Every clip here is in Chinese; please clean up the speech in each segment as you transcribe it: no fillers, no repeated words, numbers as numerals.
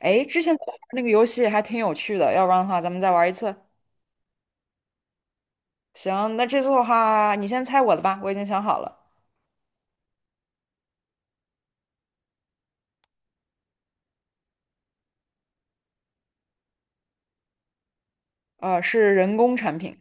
哎，之前咱们玩那个游戏还挺有趣的，要不然的话咱们再玩一次。行，那这次的话，你先猜我的吧，我已经想好了，是人工产品，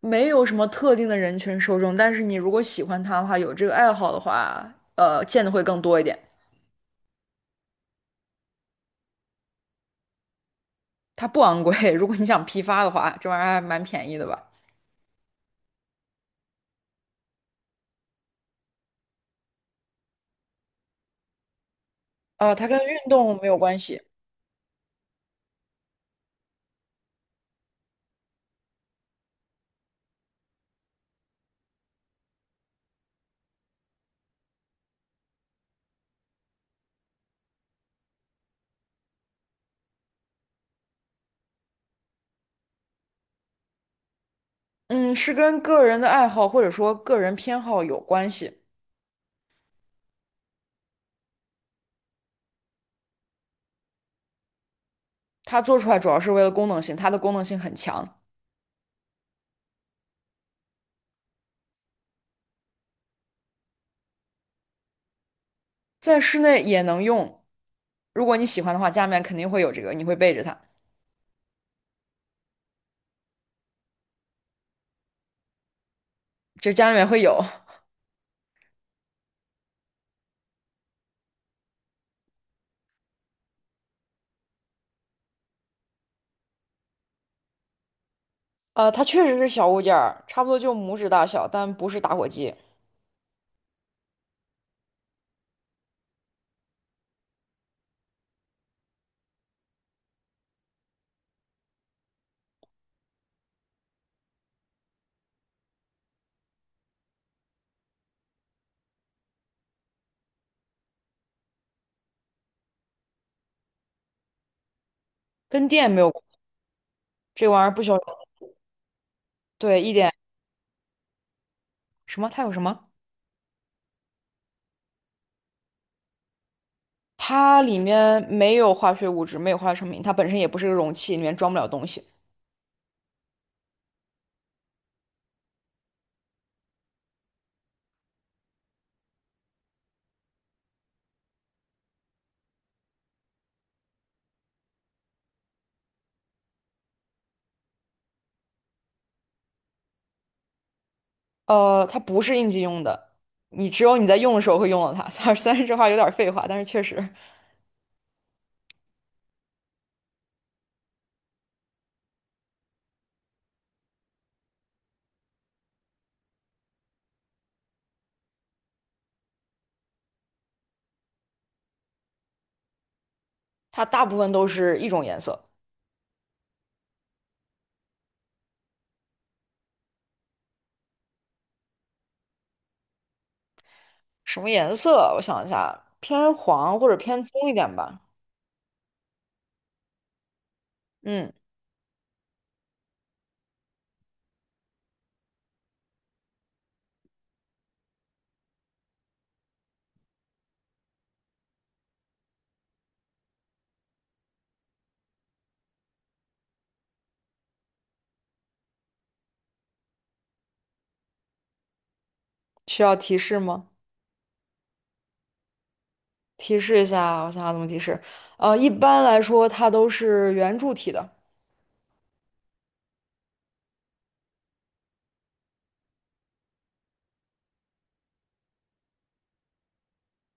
没有什么特定的人群受众，但是你如果喜欢它的话，有这个爱好的话，见的会更多一点。它不昂贵，如果你想批发的话，这玩意儿还蛮便宜的吧？它跟运动没有关系，嗯，是跟个人的爱好或者说个人偏好有关系。它做出来主要是为了功能性，它的功能性很强，在室内也能用。如果你喜欢的话，家里面肯定会有这个，你会背着它，这家里面会有。它确实是小物件儿，差不多就拇指大小，但不是打火机，跟电没有关系这玩意儿不需要。对，一点。什么？它有什么？它里面没有化学物质，没有化学成品，它本身也不是个容器，里面装不了东西。它不是应急用的，你只有你在用的时候会用到它。虽然这话有点废话，但是确实，它大部分都是一种颜色。什么颜色？我想一下，偏黄或者偏棕一点吧。嗯。需要提示吗？提示一下，我想想怎么提示。一般来说，它都是圆柱体的，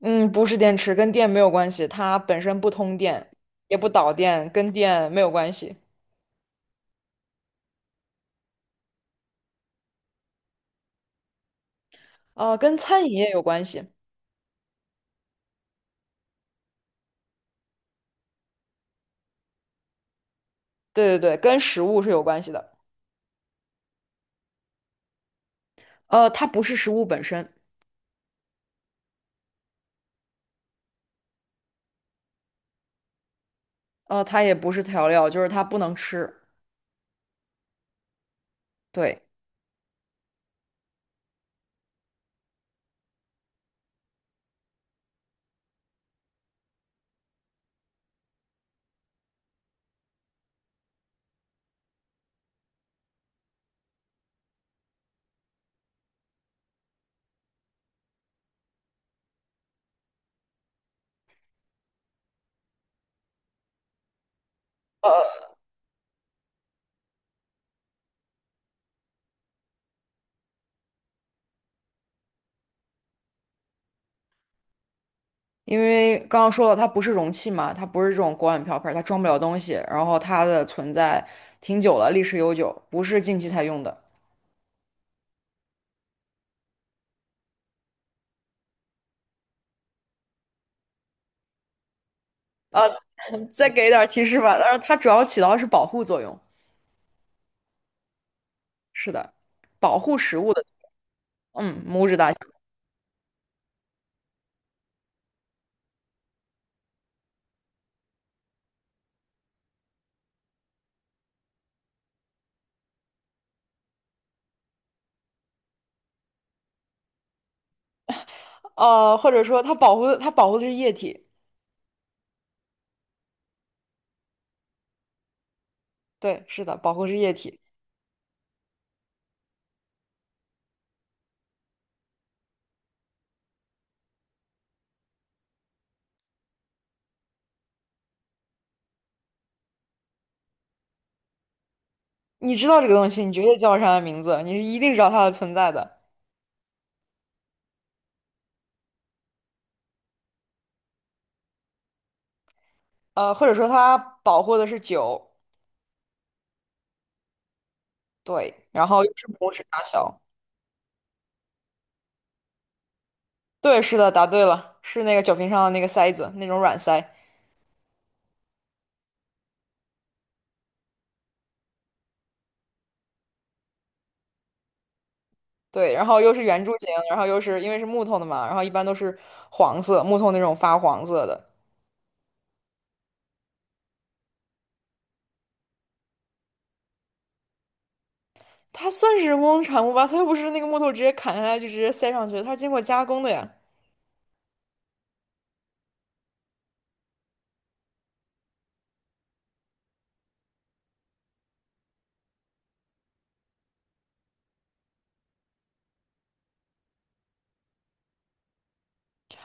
嗯，不是电池，跟电没有关系，它本身不通电，也不导电，跟电没有关系。跟餐饮业有关系，对对对，跟食物是有关系的。它不是食物本身，它也不是调料，就是它不能吃。对，呃，因为刚刚说了，它不是容器嘛，它不是这种锅碗瓢盆，它装不了东西，然后它的存在挺久了，历史悠久，不是近期才用的。呃，再给一点儿提示吧。但是它主要起到的是保护作用，是的，保护食物的，嗯，拇指大小。或者说它保护的，它保护的是液体，对，是的，保护是液体。你知道这个东西，你绝对叫不上它名字，你是一定知道它的存在的。或者说它保护的是酒，对，然后又是拇指大小，对，是的，答对了，是那个酒瓶上的那个塞子，那种软塞。对，然后又是圆柱形，然后又是因为是木头的嘛，然后一般都是黄色，木头那种发黄色的。它算是人工产物吧？它又不是那个木头直接砍下来就直接塞上去的它是经过加工的呀。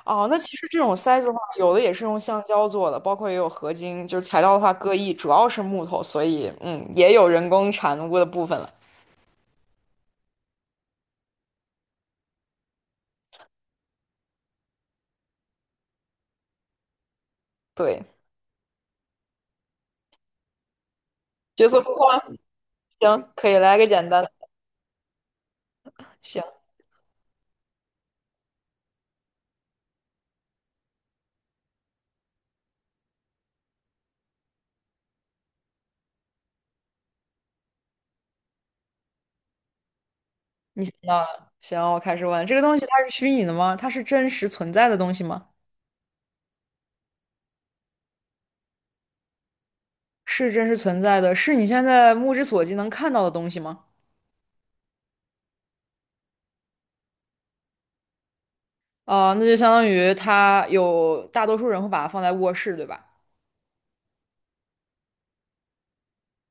哦，那其实这种塞子的话，有的也是用橡胶做的，包括也有合金，就是材料的话各异，主要是木头，所以嗯，也有人工产物的部分了。对，角色互换，行，可以来个简单的。行，那行，我开始问，这个东西它是虚拟的吗？它是真实存在的东西吗？是真实存在的，是你现在目之所及能看到的东西吗？哦，那就相当于它有大多数人会把它放在卧室，对吧？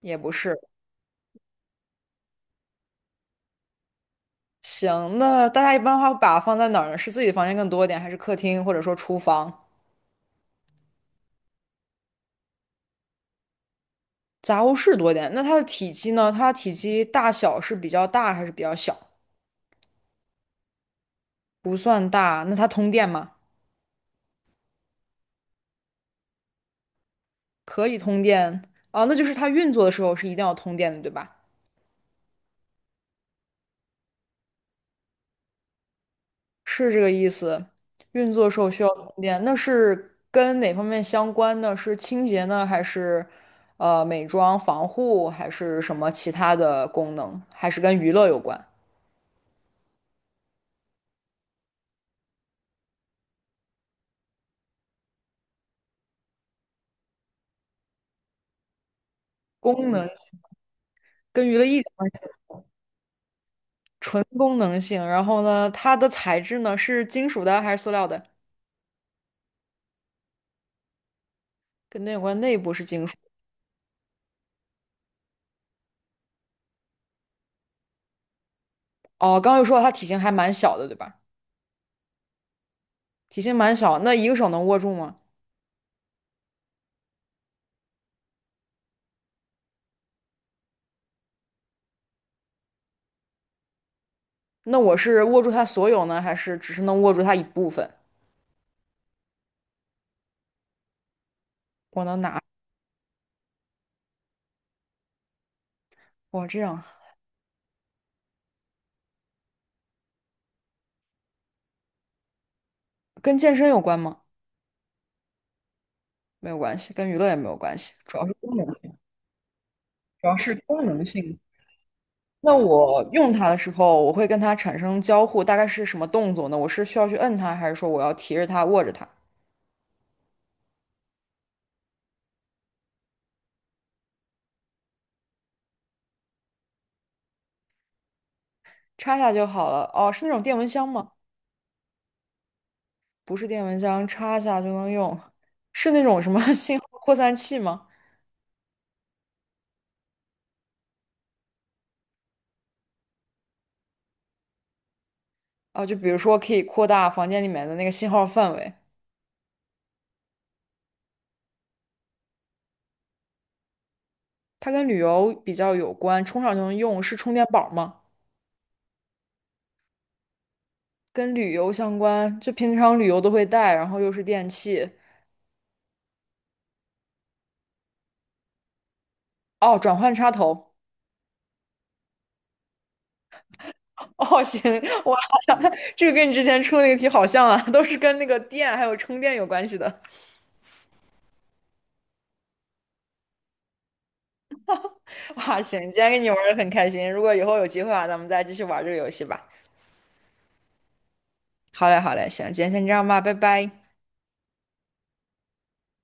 也不是。行，那大家一般的话会把它放在哪儿呢？是自己的房间更多一点，还是客厅或者说厨房、杂物室多一点？那它的体积呢？它的体积大小是比较大还是比较小？不算大，那它通电吗？可以通电啊，那就是它运作的时候是一定要通电的，对吧？是这个意思。运作时候需要充电，那是跟哪方面相关呢？是清洁呢，还是美妆、防护，还是什么其他的功能？还是跟娱乐有关？功能跟娱乐一点关系，纯功能性。然后呢，它的材质呢是金属的还是塑料的？跟那有关，内部是金属。哦，刚刚又说到它体型还蛮小的，对吧？体型蛮小，那一个手能握住吗？那我是握住它所有呢，还是只是能握住它一部分？我能拿，我这样。跟健身有关吗？没有关系，跟娱乐也没有关系，主要是功能性，主要是功能性。那我用它的时候，我会跟它产生交互，大概是什么动作呢？我是需要去摁它，还是说我要提着它、握着它，插下就好了？哦，是那种电蚊香吗？不是电蚊香，插下就能用，是那种什么 信号扩散器吗？啊，就比如说可以扩大房间里面的那个信号范围，它跟旅游比较有关，充上就能用，是充电宝吗？跟旅游相关，就平常旅游都会带，然后又是电器。哦，转换插头。哦，行，哇，这个跟你之前出的那个题好像啊，都是跟那个电还有充电有关系的。哇，行，今天跟你玩的很开心，如果以后有机会啊，咱们再继续玩这个游戏吧。好嘞，好嘞，行，今天先这样吧，拜拜。